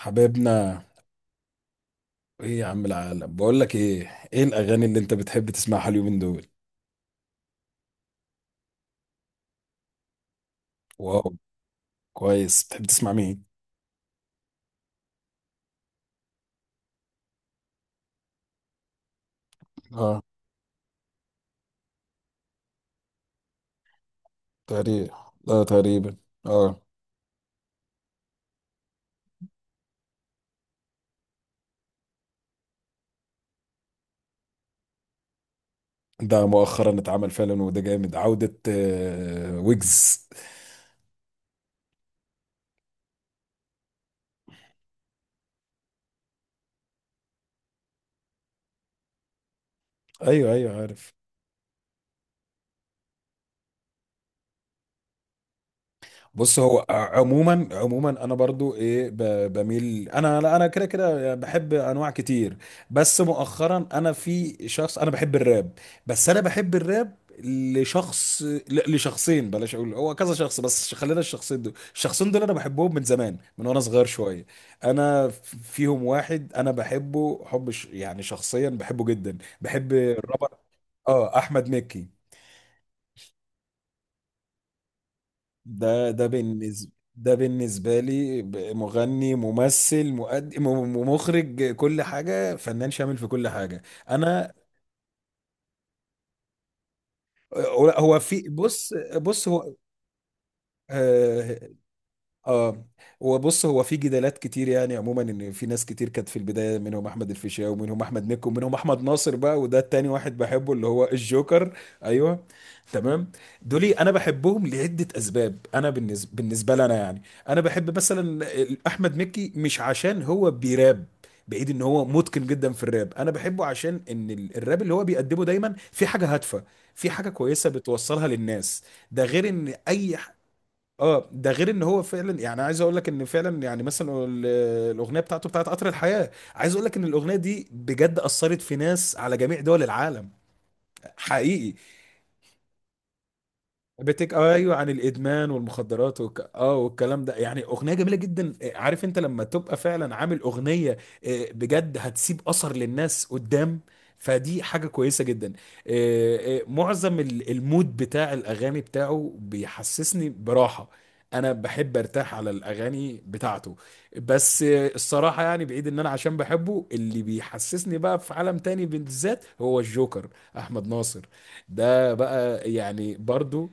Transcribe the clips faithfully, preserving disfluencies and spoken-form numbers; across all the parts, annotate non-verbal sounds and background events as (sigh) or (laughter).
حبايبنا، ايه يا عم؟ العالم بقول لك ايه؟ ايه الاغاني اللي انت بتحب تسمعها اليومين دول؟ واو. كويس، بتحب تسمع مين؟ اه تقريبا. اه تقريبا. اه، ده مؤخرا اتعمل فعلا، وده جامد عودة آه ويجز. ايوه ايوه عارف. بص، هو عموما عموما انا برضو ايه، ب- بميل. انا لا، انا كده كده بحب انواع كتير. بس مؤخرا انا في شخص، انا بحب الراب. بس انا بحب الراب لشخص، ل- لشخصين. بلاش اقول هو كذا شخص، بس خلينا الشخصين دول. الشخصين دول انا بحبهم من زمان، من وانا صغير شويه. انا ف- فيهم واحد انا بحبه حب، ش- يعني شخصيا بحبه جدا، بحب الرابر. اه، احمد مكي. ده ده بالنسبة، ده بالنسبة لي ب- مغني، ممثل، مؤدي، م- م- مخرج، كل حاجة، فنان شامل في كل حاجة. أنا. هو في بص بص هو آه. اه، وبص، هو في جدالات كتير يعني، عموما ان في ناس كتير كانت في البدايه، منهم احمد الفيشاوي ومنهم احمد مكي ومنهم احمد ناصر بقى، وده التاني واحد بحبه اللي هو الجوكر. ايوه. تمام. دولي انا بحبهم لعده اسباب، انا بالنسبه بالنسبه لنا يعني. انا بحب مثلا احمد مكي، مش عشان هو بيراب، بعيد ان هو متقن جدا في الراب، انا بحبه عشان ان ال- الراب اللي هو بيقدمه دايما في حاجه هادفه، في حاجه كويسه بتوصلها للناس. ده غير ان اي، اه، ده غير ان هو فعلا يعني، عايز اقول لك ان فعلا يعني مثلا ال- الاغنيه بتاعته، بتاعت قطر الحياه، عايز اقول لك ان الاغنيه دي بجد اثرت في ناس على جميع دول العالم. حقيقي. بتك آه، ايوه، عن الادمان والمخدرات وك... اه، والكلام ده، يعني اغنيه جميله جدا. آه، عارف انت لما تبقى فعلا عامل اغنيه، آه، بجد هتسيب اثر للناس قدام، فدي حاجه كويسه جدا. آه، آه، معظم ال- المود بتاع الاغاني بتاعه بيحسسني براحه. انا بحب ارتاح على الاغاني بتاعته. بس آه، الصراحه يعني، بعيد ان انا عشان بحبه، اللي بيحسسني بقى في عالم تاني بالذات هو الجوكر، احمد ناصر. ده بقى يعني برضو.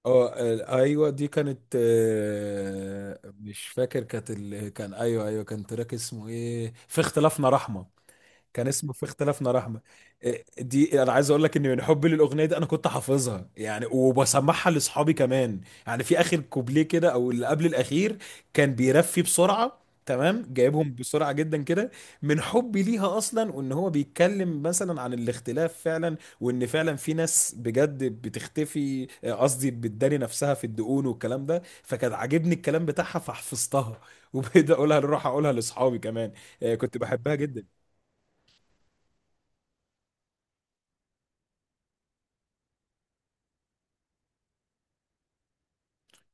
اه، آه، ايوه دي كانت، آه، مش فاكر، كانت ال... كان، ايوه ايوه، كان تراك اسمه ايه، في اختلافنا رحمة. كان اسمه في اختلافنا رحمه. إيه، دي انا عايز اقول لك ان من حبي للاغنيه دي انا كنت حافظها يعني، وبسمعها لاصحابي كمان. يعني في اخر كوبليه كده او اللي قبل الاخير كان بيرفي بسرعه، تمام جايبهم بسرعه جدا كده، من حبي ليها اصلا، وان هو بيتكلم مثلا عن الاختلاف فعلا، وان فعلا في ناس بجد بتختفي، آه، قصدي بتداري نفسها في الدقون والكلام ده، فكان عاجبني الكلام بتاعها فحفظتها (laughs) وبقيت اقولها، اروح اقولها لاصحابي كمان. آه، كنت بحبها جدا.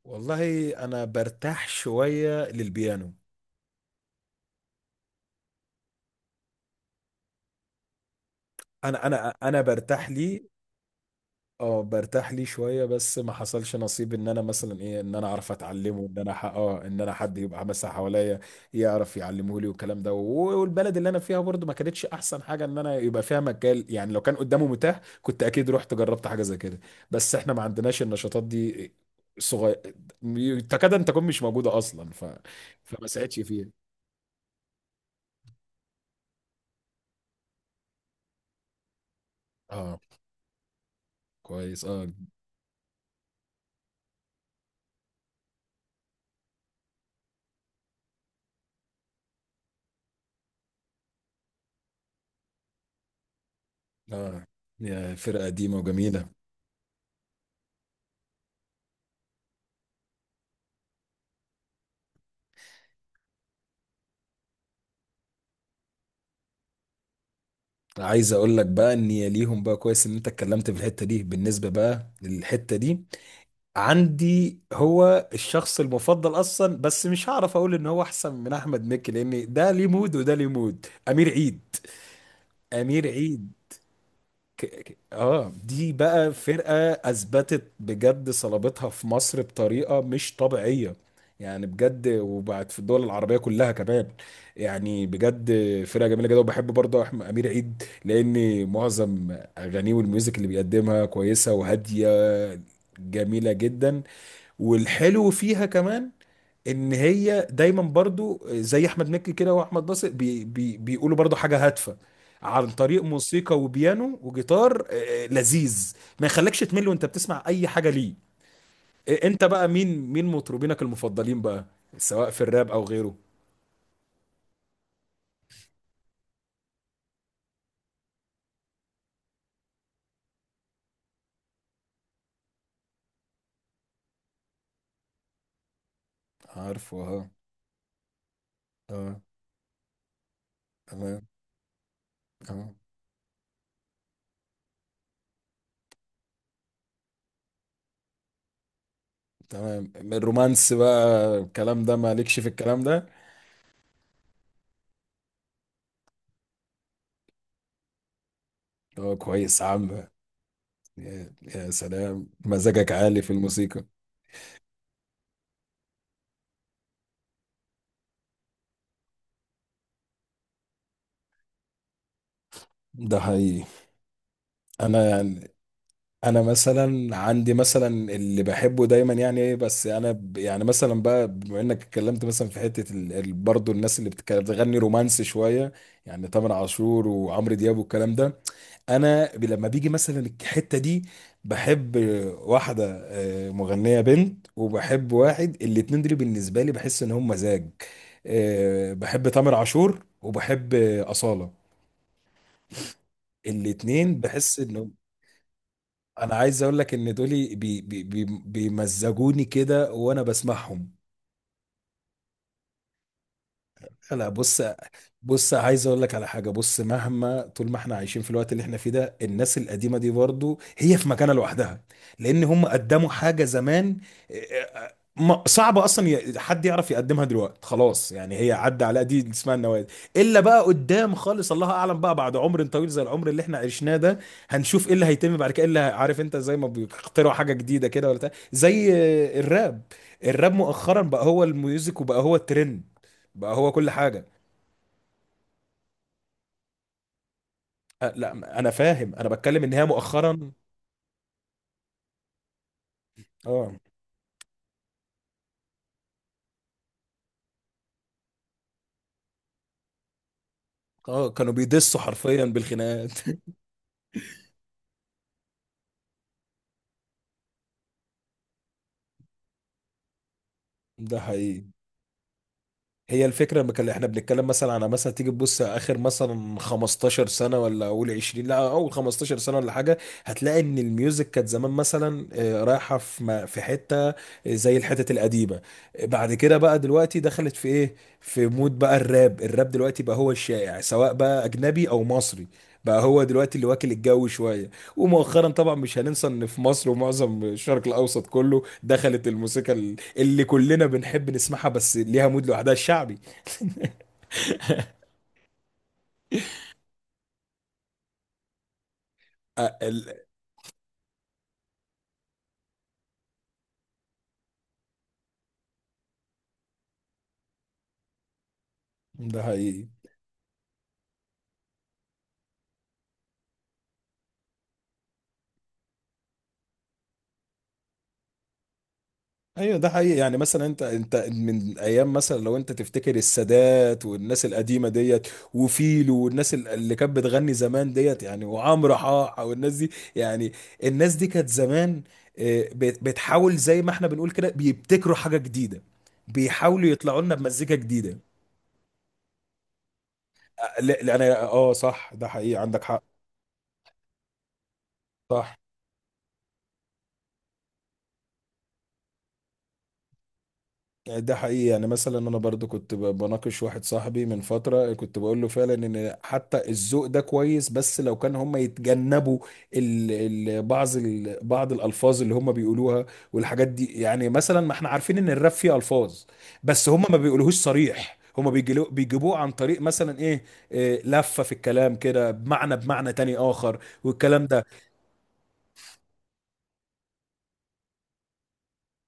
والله انا برتاح شويه للبيانو. انا انا انا برتاح ليه. اه برتاح ليه شويه، بس ما حصلش نصيب ان انا مثلا ايه، ان انا اعرف اتعلمه، ان انا ح- اه، ان انا حد يبقى مثلا حواليا يعرف يعلمه لي والكلام ده، و- والبلد اللي انا فيها برضو ما كانتش احسن حاجه، ان انا يبقى فيها مجال يعني. لو كان قدامه متاح كنت اكيد رحت جربت حاجه زي كده، بس احنا ما عندناش النشاطات دي. صغير. تكاد ان تكون مش موجوده اصلا، ف... فما ساعدش فيها. اه كويس. اه، اه، يا فرقة قديمة وجميلة. عايز اقول لك بقى ان يا ليهم بقى، كويس ان انت اتكلمت في الحتة دي، بالنسبة بقى للحتة دي عندي هو الشخص المفضل اصلا، بس مش هعرف اقول ان هو احسن من احمد مكي، لان ده ليه مود وده ليه مود. امير عيد. امير عيد. ك... ك- اه، دي بقى فرقة اثبتت بجد صلابتها في مصر بطريقة مش طبيعية، يعني بجد، وبعد في الدول العربية كلها كمان، يعني بجد. فرقة جميلة جدا. وبحب برضه أحمد أمير عيد، لأن معظم أغانيه والميوزك اللي بيقدمها كويسة وهادية، جميلة جدا. والحلو فيها كمان، ان هي دايما برضو زي احمد مكي كده واحمد ناصر، بي بي بيقولوا برضو حاجه هادفه، عن طريق موسيقى وبيانو وجيتار آه، آه، لذيذ، ما يخليكش تمل وانت بتسمع اي حاجه ليه. آه، انت بقى مين مين مطربينك المفضلين بقى، سواء في الراب او غيره؟ عارفه، اه. اه تمام. اه تمام الرومانس بقى، الكلام ده مالكش في الكلام ده. اه كويس يا عم. يا يا سلام، مزاجك عالي في الموسيقى. ده حقيقي. انا انا مثلا عندي مثلا اللي بحبه دايما يعني ايه، بس انا ب- يعني مثلا بقى، بما انك اتكلمت مثلا في حته ال... ال... برضه الناس اللي بتك- بتغني رومانسي شويه، يعني تامر عاشور وعمرو دياب والكلام ده، انا ب- لما بيجي مثلا الحته دي بحب واحده، آه، مغنيه بنت، وبحب واحد. الاتنين دول بالنسبه لي بحس ان هم مزاج. آه، بحب تامر عاشور وبحب آه، اصاله. الاتنين بحس ان، انا عايز اقول لك ان دول بي بي بي بيمزجوني كده وانا بسمعهم. لا بص، بص عايز اقول لك على حاجه. بص، مهما طول ما احنا عايشين في الوقت اللي احنا فيه ده، الناس القديمه دي برضو هي في مكانه لوحدها، لان هم قدموا حاجه زمان، آه، ما- صعب اصلا ي- حد يعرف يقدمها دلوقتي، خلاص يعني هي عدى على دي، اسمها النوادي. الا بقى قدام خالص الله اعلم، بقى بعد عمر طويل زي العمر اللي احنا عشناه ده هنشوف ايه اللي هيتم بعد كده، إيه اللي ه- عارف انت زي ما بيخترعوا حاجه جديده كده ولا بتاع، زي آه، الراب. الراب مؤخرا بقى هو الميوزك، وبقى هو الترند، بقى هو كل حاجه. أه لا، انا فاهم، انا بتكلم ان هي مؤخرا. اه، اه كانوا بيدسوا حرفيا بالخناقات. (laughs) ده حقيقي. هي الفكرة بك- اللي احنا بنتكلم مثلا على، مثلا تيجي تبص اخر مثلا 15 سنة ولا اول عشرين، لا اول خمستاشر سنة ولا حاجة، هتلاقي ان الميوزك كانت زمان مثلا آه، رايحة في ما- في حتة آه، زي الحتت القديمة. آه، بعد كده بقى دلوقتي دخلت في ايه، في مود بقى الراب. الراب دلوقتي بقى هو الشائع سواء بقى اجنبي او مصري، بقى هو دلوقتي اللي واكل الجو شوية. ومؤخرا طبعا مش هننسى ان في مصر ومعظم الشرق الاوسط كله دخلت الموسيقى ال- اللي كلنا بنحب نسمعها، بس ليها مود لوحدها، الشعبي. آه، ال- ده حقيقي. ايوه ده حقيقي، يعني مثلا انت انت من ايام مثلا لو انت تفتكر السادات والناس القديمه ديت، وفيلو والناس ال- اللي كانت بتغني زمان ديت يعني، وعمرو حاحه والناس دي يعني، الناس دي كانت زمان، آه، بت- بتحاول زي ما احنا بنقول كده، بيبتكروا حاجه جديده، بيحاولوا يطلعوا لنا بمزيكا جديده. آه، لا لا، انا اه صح، ده حقيقي، عندك حق. صح يعني، ده حقيقي، يعني مثلا انا برضو كنت ب- بناقش واحد صاحبي من فترة، كنت بقول له فعلا ان حتى الذوق ده كويس، بس لو كان هم يتجنبوا ال ال بعض ال بعض الالفاظ اللي هم بيقولوها والحاجات دي. يعني مثلا ما احنا عارفين ان الراب فيه الفاظ، بس هم ما بيقولوهوش صريح، هم بيجلو- بيجيبوه عن طريق مثلا ايه، إيه لفة في الكلام كده، بمعنى بمعنى تاني اخر والكلام ده.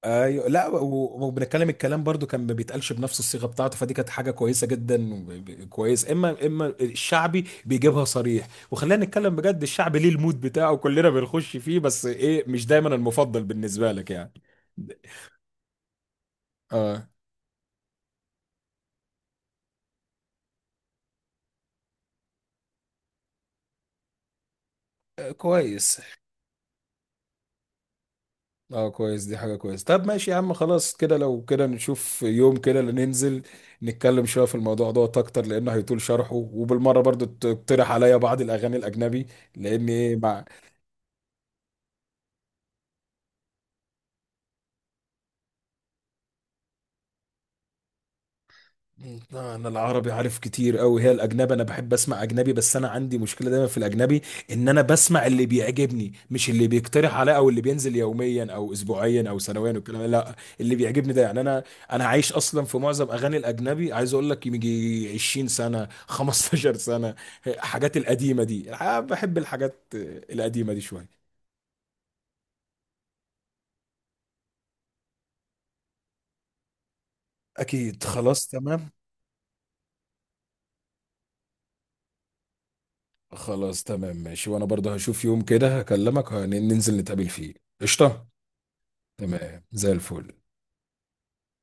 ايوه، لا و- وبنتكلم الكلام برضو كان ما بيتقالش بنفس الصيغه بتاعته، فدي كانت حاجه كويسه جدا وب- ب- كويس. اما اما الشعبي بيجيبها صريح، وخلينا نتكلم بجد، الشعبي ليه المود بتاعه كلنا بنخش فيه، بس ايه مش دايما المفضل بالنسبه لك يعني. اه آه، كويس. اه كويس، دي حاجة كويس. طب ماشي يا عم، خلاص كده. لو كده نشوف يوم كده اللي ننزل نتكلم شوية في الموضوع دوت اكتر، لانه هيطول شرحه، وبالمرة برضو ت- تقترح عليا بعض الاغاني الاجنبي، لان ايه مع. لا، انا العربي عارف كتير قوي، هي الاجنبي. انا بحب اسمع اجنبي، بس انا عندي مشكله دايما في الاجنبي، ان انا بسمع اللي بيعجبني، مش اللي بيقترح عليا او اللي بينزل يوميا او اسبوعيا او سنويا والكلام ده. لا اللي بيعجبني ده، يعني انا، انا عايش اصلا في معظم اغاني الاجنبي. عايز اقول لك يجي عشرين سنة سنه خمسة عشر سنة سنه، الحاجات القديمه دي، بحب الحاجات القديمه دي شويه. اكيد خلاص تمام. خلاص تمام ماشي، وانا برضه هشوف يوم كده هكلمك، هن- ننزل نتقابل فيه. قشطه. تمام زي الفل.